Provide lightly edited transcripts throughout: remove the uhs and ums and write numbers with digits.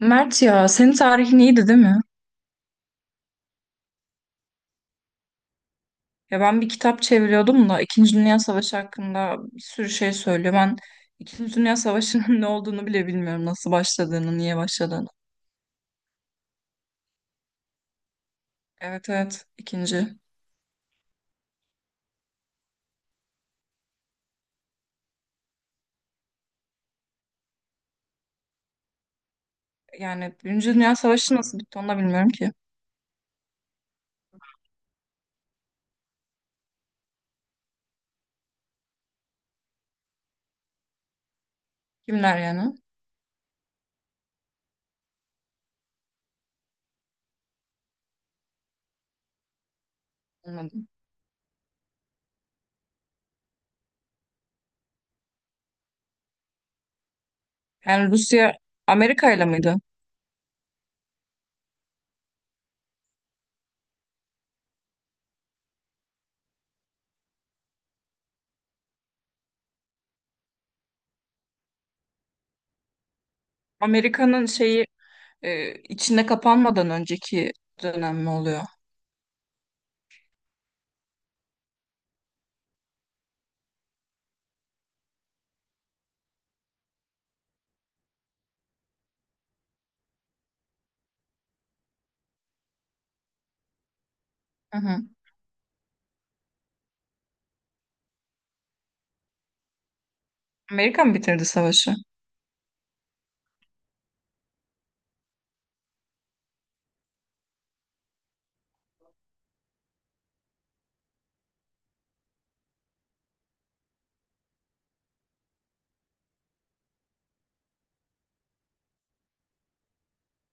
Mert ya senin tarihin iyiydi değil mi? Ya ben bir kitap çeviriyordum da İkinci Dünya Savaşı hakkında bir sürü şey söylüyor. Ben İkinci Dünya Savaşı'nın ne olduğunu bile bilmiyorum. Nasıl başladığını, niye başladığını. Evet, evet, ikinci. Yani Birinci Dünya Savaşı nasıl bitti onu da bilmiyorum ki. Kimler yani? Anladım. Yani Rusya Amerika ile miydi? Amerika'nın şeyi içinde kapanmadan önceki dönem mi oluyor? Hı hı. Amerika mı bitirdi savaşı?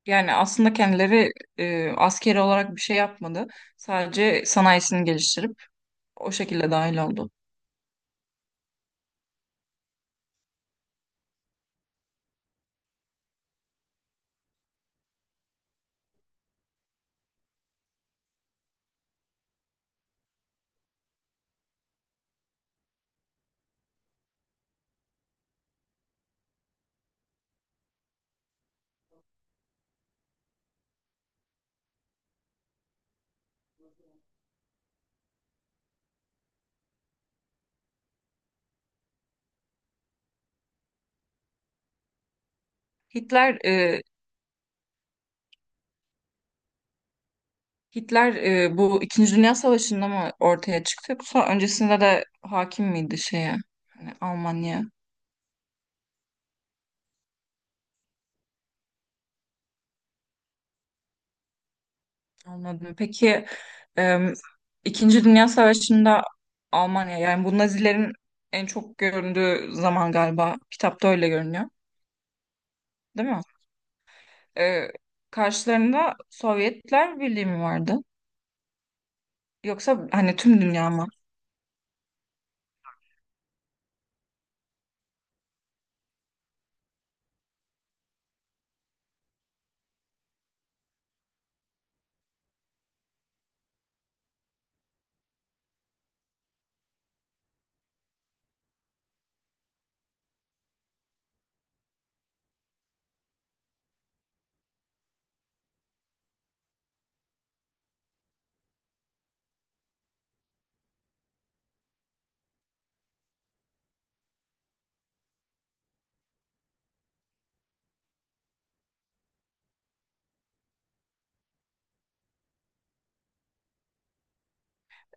Yani aslında kendileri askeri olarak bir şey yapmadı. Sadece sanayisini geliştirip o şekilde dahil oldu. Hitler e, Hitler bu İkinci Dünya Savaşı'nda mı ortaya çıktı yoksa öncesinde de hakim miydi şeye? Hani Almanya. Anladım. Peki em, İkinci Dünya Savaşı'nda Almanya yani bu Nazilerin en çok göründüğü zaman galiba kitapta öyle görünüyor, değil mi? E, Karşılarında Sovyetler Birliği mi vardı? Yoksa hani tüm dünya mı?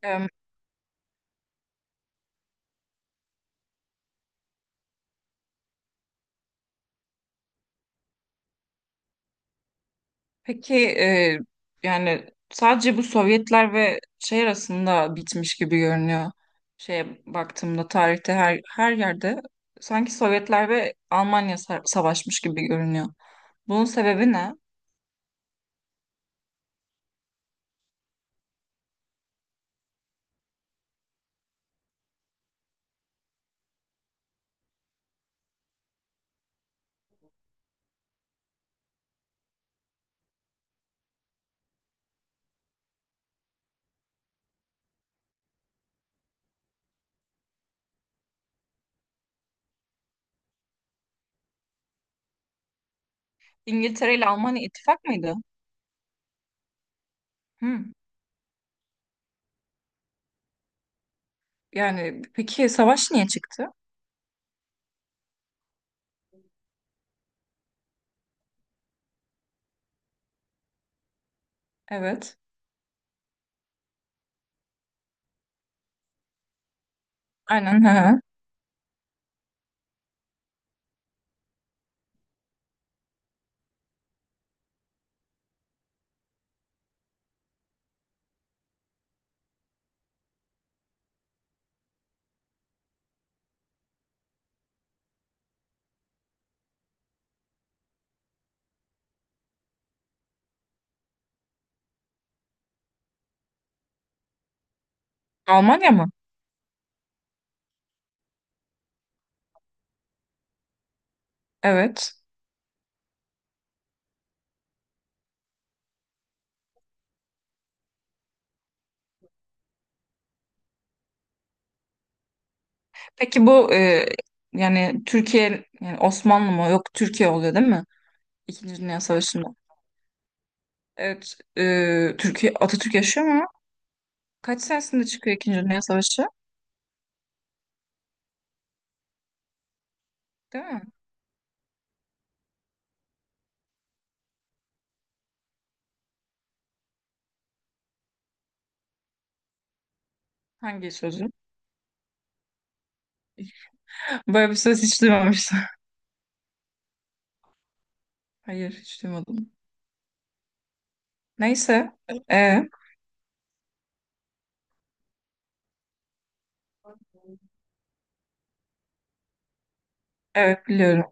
Em, peki yani sadece bu Sovyetler ve şey arasında bitmiş gibi görünüyor. Şeye baktığımda tarihte her yerde sanki Sovyetler ve Almanya savaşmış gibi görünüyor. Bunun sebebi ne? İngiltere ile Almanya ittifak mıydı? Hı. Yani peki savaş niye çıktı? Evet. Aynen. Hı hı. Almanya mı? Evet. Peki bu yani Türkiye yani Osmanlı mı? Yok Türkiye oluyor değil mi? İkinci Dünya Savaşı'nda. Evet. Türkiye Atatürk yaşıyor mu? Kaç senesinde çıkıyor İkinci Dünya Savaşı? Değil mi? Hangi sözü? Böyle bir söz hiç duymamıştım. Hayır, hiç duymadım. Neyse. E, evet, biliyorum.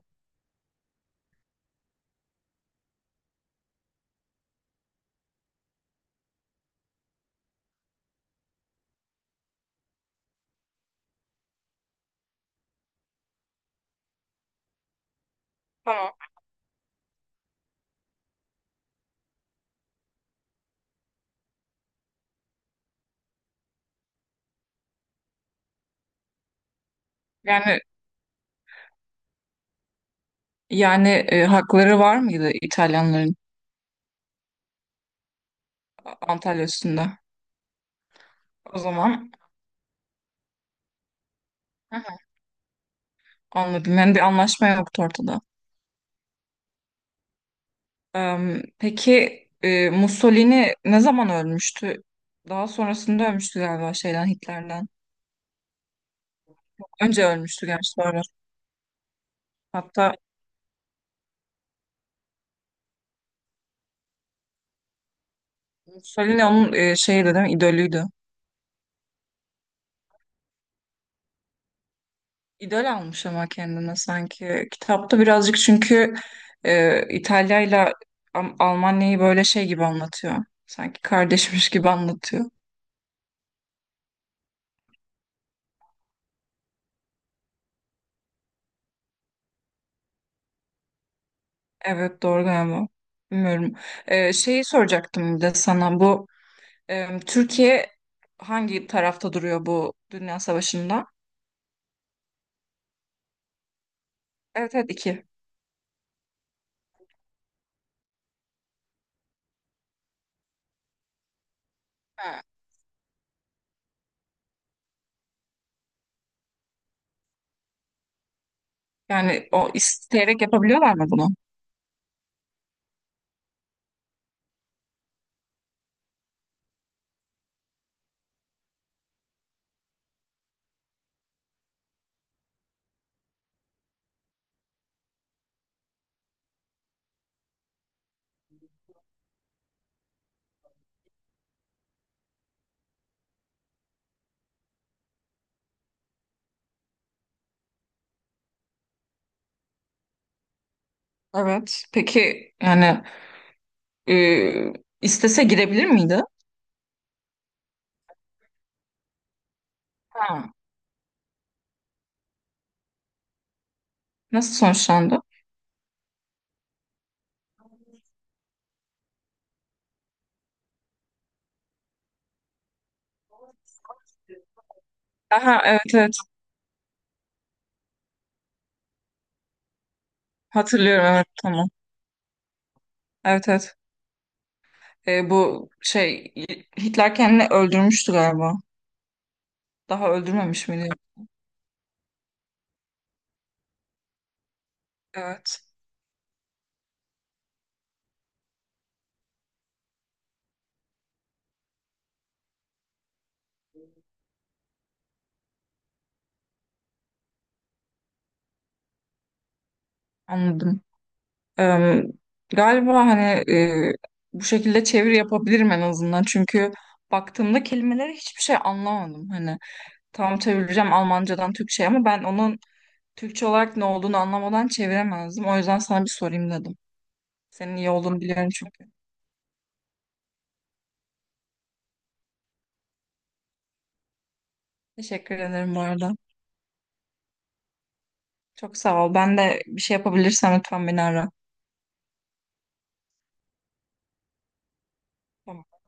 Tamam. Yani yani, hakları var mıydı İtalyanların? Antalya üstünde. O zaman, hı hı, anladım. Yani bir anlaşma yoktu ortada. Peki Mussolini ne zaman ölmüştü? Daha sonrasında ölmüştü galiba şeyden, Hitler'den. Önce ölmüştü gerçi, sonra. Hatta Mussolini onun şeyi de değil mi? İdolüydü. İdol almış ama kendine sanki. Kitapta birazcık çünkü İtalya'yla Almanya'yı böyle şey gibi anlatıyor. Sanki kardeşmiş gibi anlatıyor. Evet, doğru galiba. Bilmiyorum. Şeyi soracaktım bir de sana, bu Türkiye hangi tarafta duruyor bu Dünya Savaşı'nda? Evet, evet, iki. Ha. Yani o isteyerek yapabiliyorlar mı bunu? Evet. Peki yani e, istese girebilir miydi? Ha. Nasıl sonuçlandı? Aha, evet, evet, hatırlıyorum, evet, tamam. Evet, evet. Bu şey Hitler kendini öldürmüştü galiba. Daha öldürmemiş miydi? Evet. Anladım. Eee, Galiba hani bu şekilde çeviri yapabilirim en azından. Çünkü baktığımda kelimelere hiçbir şey anlamadım. Hani tam çevireceğim Almancadan Türkçe'ye ama ben onun Türkçe olarak ne olduğunu anlamadan çeviremezdim. O yüzden sana bir sorayım dedim. Senin iyi olduğunu biliyorum çünkü. Teşekkür ederim bu arada. Çok sağ ol. Ben de bir şey yapabilirsem lütfen beni ara. Tamam.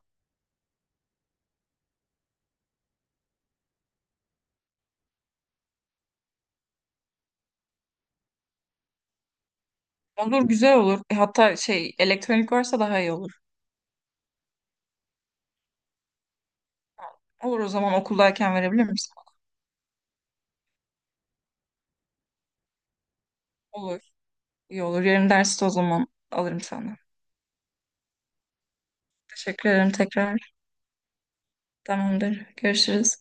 Olur, güzel olur. Hatta şey, elektronik varsa daha iyi olur. Olur, o zaman okuldayken verebilir misin? Olur. İyi olur. Yarın derste o zaman alırım sana. Teşekkür ederim tekrar. Tamamdır. Görüşürüz.